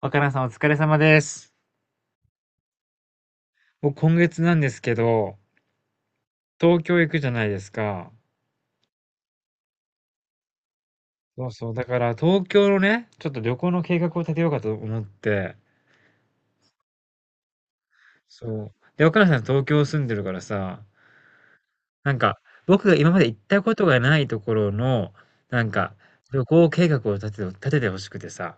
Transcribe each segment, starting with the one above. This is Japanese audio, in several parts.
若菜さんお疲れ様です。僕今月なんですけど、東京行くじゃないですか。そうそう。だから東京のね、ちょっと旅行の計画を立てようかと思って、そう。で、若菜さん東京住んでるからさ、なんか僕が今まで行ったことがないところの、なんか旅行計画を立ててほしくてさ。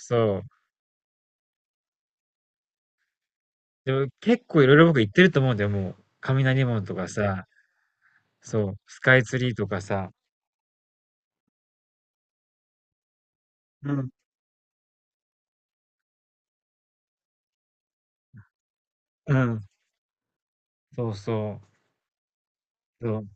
そう。でも結構いろいろ僕行ってると思うんだよ、もう。雷門とかさ、そう、スカイツリーとかさ。うん。うん。そうそう。そう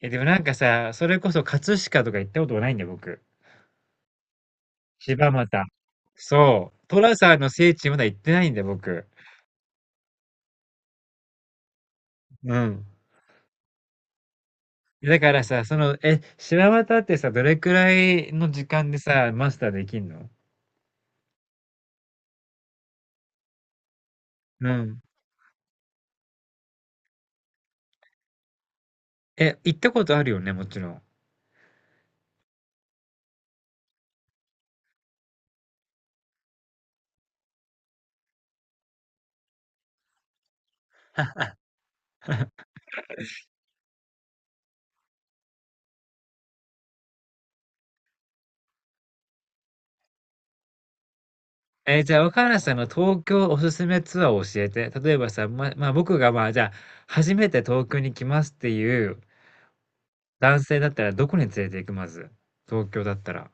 でもなんかさ、それこそ葛飾とか行ったことがないんだよ、僕。柴又。そう。寅さんの聖地まだ行ってないんだよ、僕。うん。だからさ、その、柴又ってさ、どれくらいの時間でさ、マスターできんの？うん。行ったことあるよね、もちろん。じゃあ、若菜さんの東京おすすめツアーを教えて。例えばさ、まあ、僕が、まあ、じゃあ、初めて東京に来ますっていう男性だったら、どこに連れて行く、まず。東京だったら。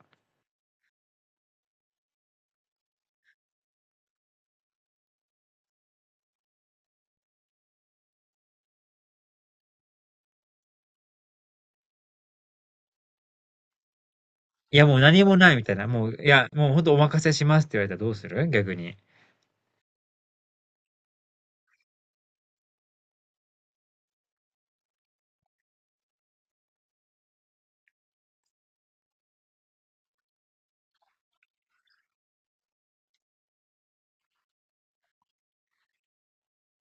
いや、もう何もないみたいな。もう、いや、もうほんとお任せしますって言われたらどうする、逆に？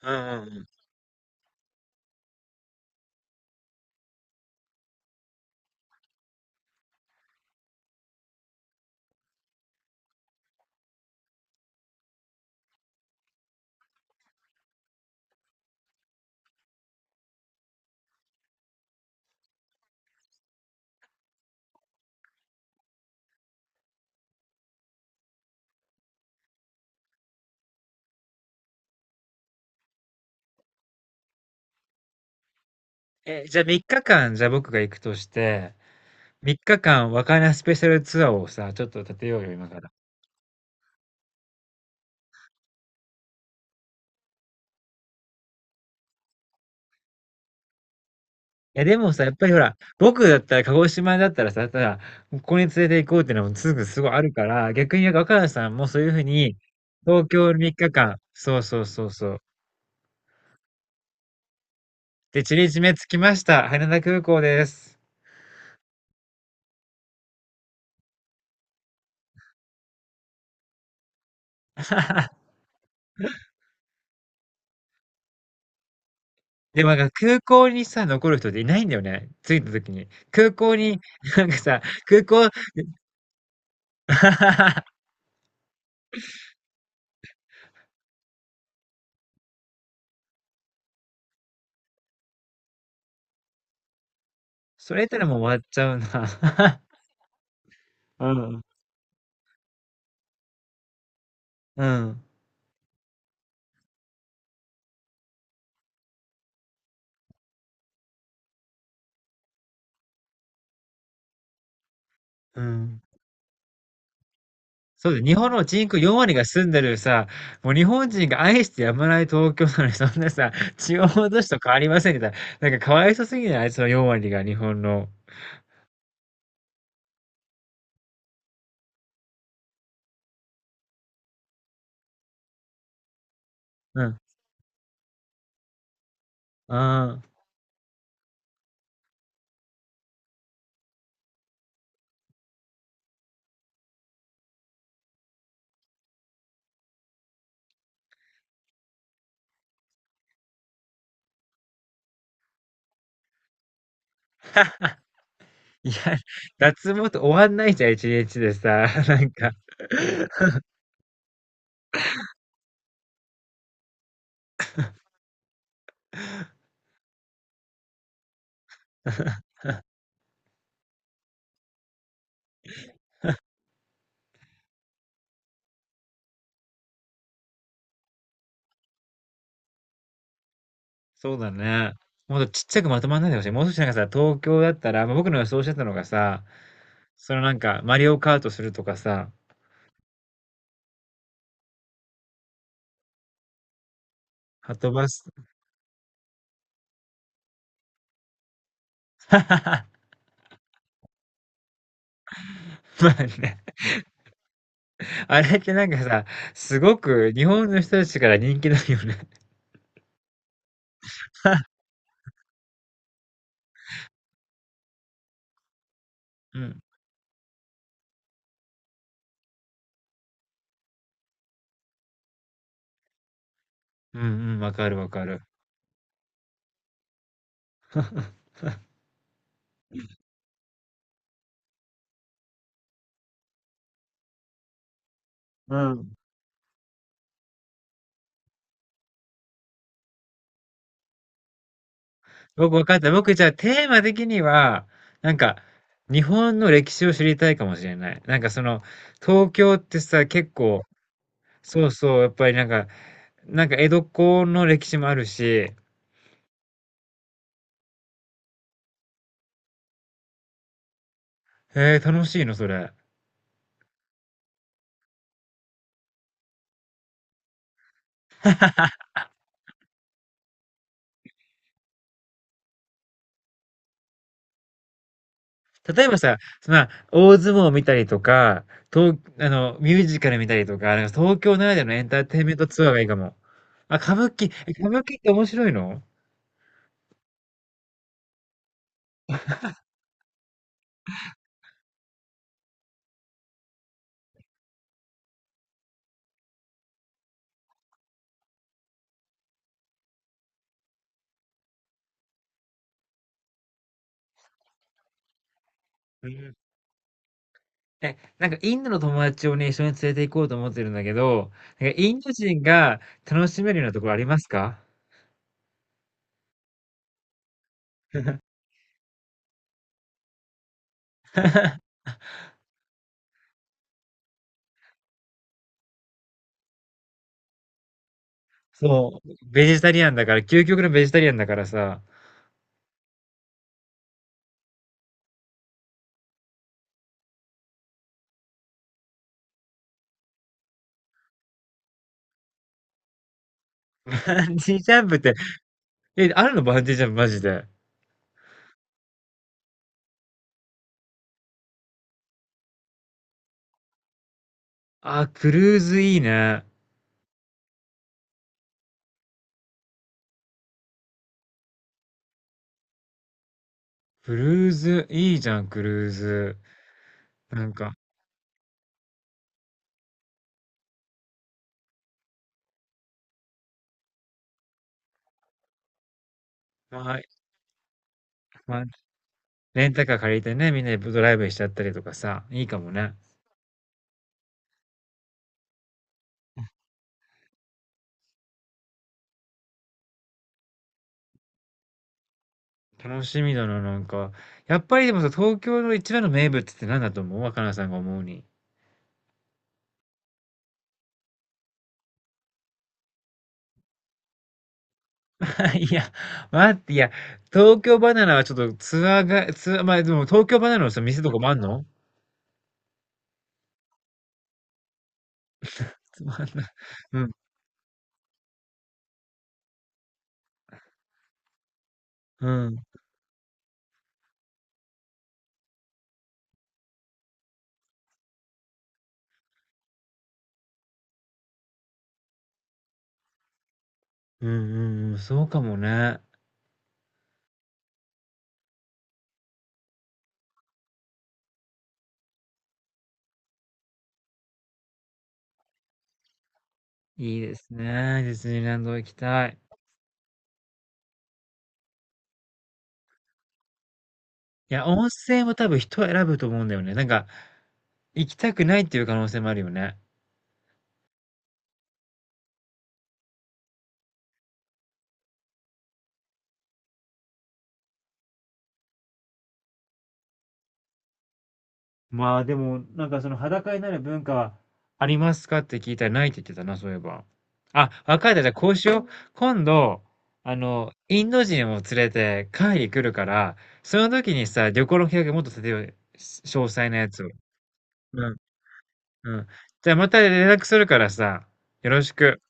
うんうん。じゃあ3日間、じゃあ僕が行くとして、3日間和歌山スペシャルツアーをさ、ちょっと立てようよ、今から。いや、でもさ、やっぱりほら、僕だったら、鹿児島だったらさ、ただ、ここに連れて行こうっていうのもすぐすごいあるから、逆に若菜さんもそういうふうに、東京3日間、そうそうそうそう。で、ちりじめ着きました。羽田空港です。でもなんか空港にさ、残る人っていないんだよね、着いた時に。空港に なんかさ、空港 それったらもう終わっちゃうな。うん。うん。うん。そうだ日本の人口4割が住んでるさ、もう日本人が愛してやまない東京なのに、そんなさ、地方都市と変わりませんみたいな。なんかかわいそうすぎない？その4割が日本の。うん。ああ。いや、脱毛って終わんないじゃん、1日でさ、なんか。そうだね。もっとちっちゃくまとまんないでほしい。もう少しなんかさ、東京だったら、まあ、僕の予想してたのがさ、そのなんか、マリオカートするとかさ、はとバス、まあね、あれってなんかさ、すごく日本の人たちから人気だよね。うん。うんうん、わかるわかる。うん。僕わかった。僕じゃあテーマ的には、なんか、日本の歴史を知りたいかもしれない。なんかその、東京ってさ、結構、そうそう、やっぱりなんか江戸っ子の歴史もあるし、へえ、楽しいの、それ？例えばさ、その、大相撲を見たりとか、東あの、ミュージカル見たりとか、なんか東京ならではのエンターテインメントツアーがいいかも。あ、歌舞伎って面白いの？うん。なんかインドの友達をね、一緒に連れて行こうと思ってるんだけど、なんかインド人が楽しめるようなところありますか？ そう、ベジタリアンだから、究極のベジタリアンだからさ、バンジージャンプって、あるのバンジージャンプマジで？あ、クルーズいいね。クルーズ、いいじゃん、クルーズ。なんか、まあ、まあ、レンタカー借りてね、みんなでドライブしちゃったりとかさ、いいかもね。楽しみだな、なんか。やっぱりでもさ、東京の一番の名物って何だと思う？若菜さんが思うに。いや、待って、いや、東京ばな奈はちょっとツアー、まあでも東京ばな奈のさ、店とかもあんの？つまんない。うん、うん、うん、うん、うん、そうかもね。いいですね。ディズニーランド行きたい。いや、温泉は多分人を選ぶと思うんだよね。なんか、行きたくないっていう可能性もあるよね。まあでも、なんかその裸になる文化は、ありますかって聞いたらないって言ってたな、そういえば。あ、わかった。じゃあこうしよう。今度、インド人を連れて会議来るから、その時にさ、旅行の計画もっと立てようよ。詳細なやつを。うん、うん。じゃあまた連絡するからさ、よろしく。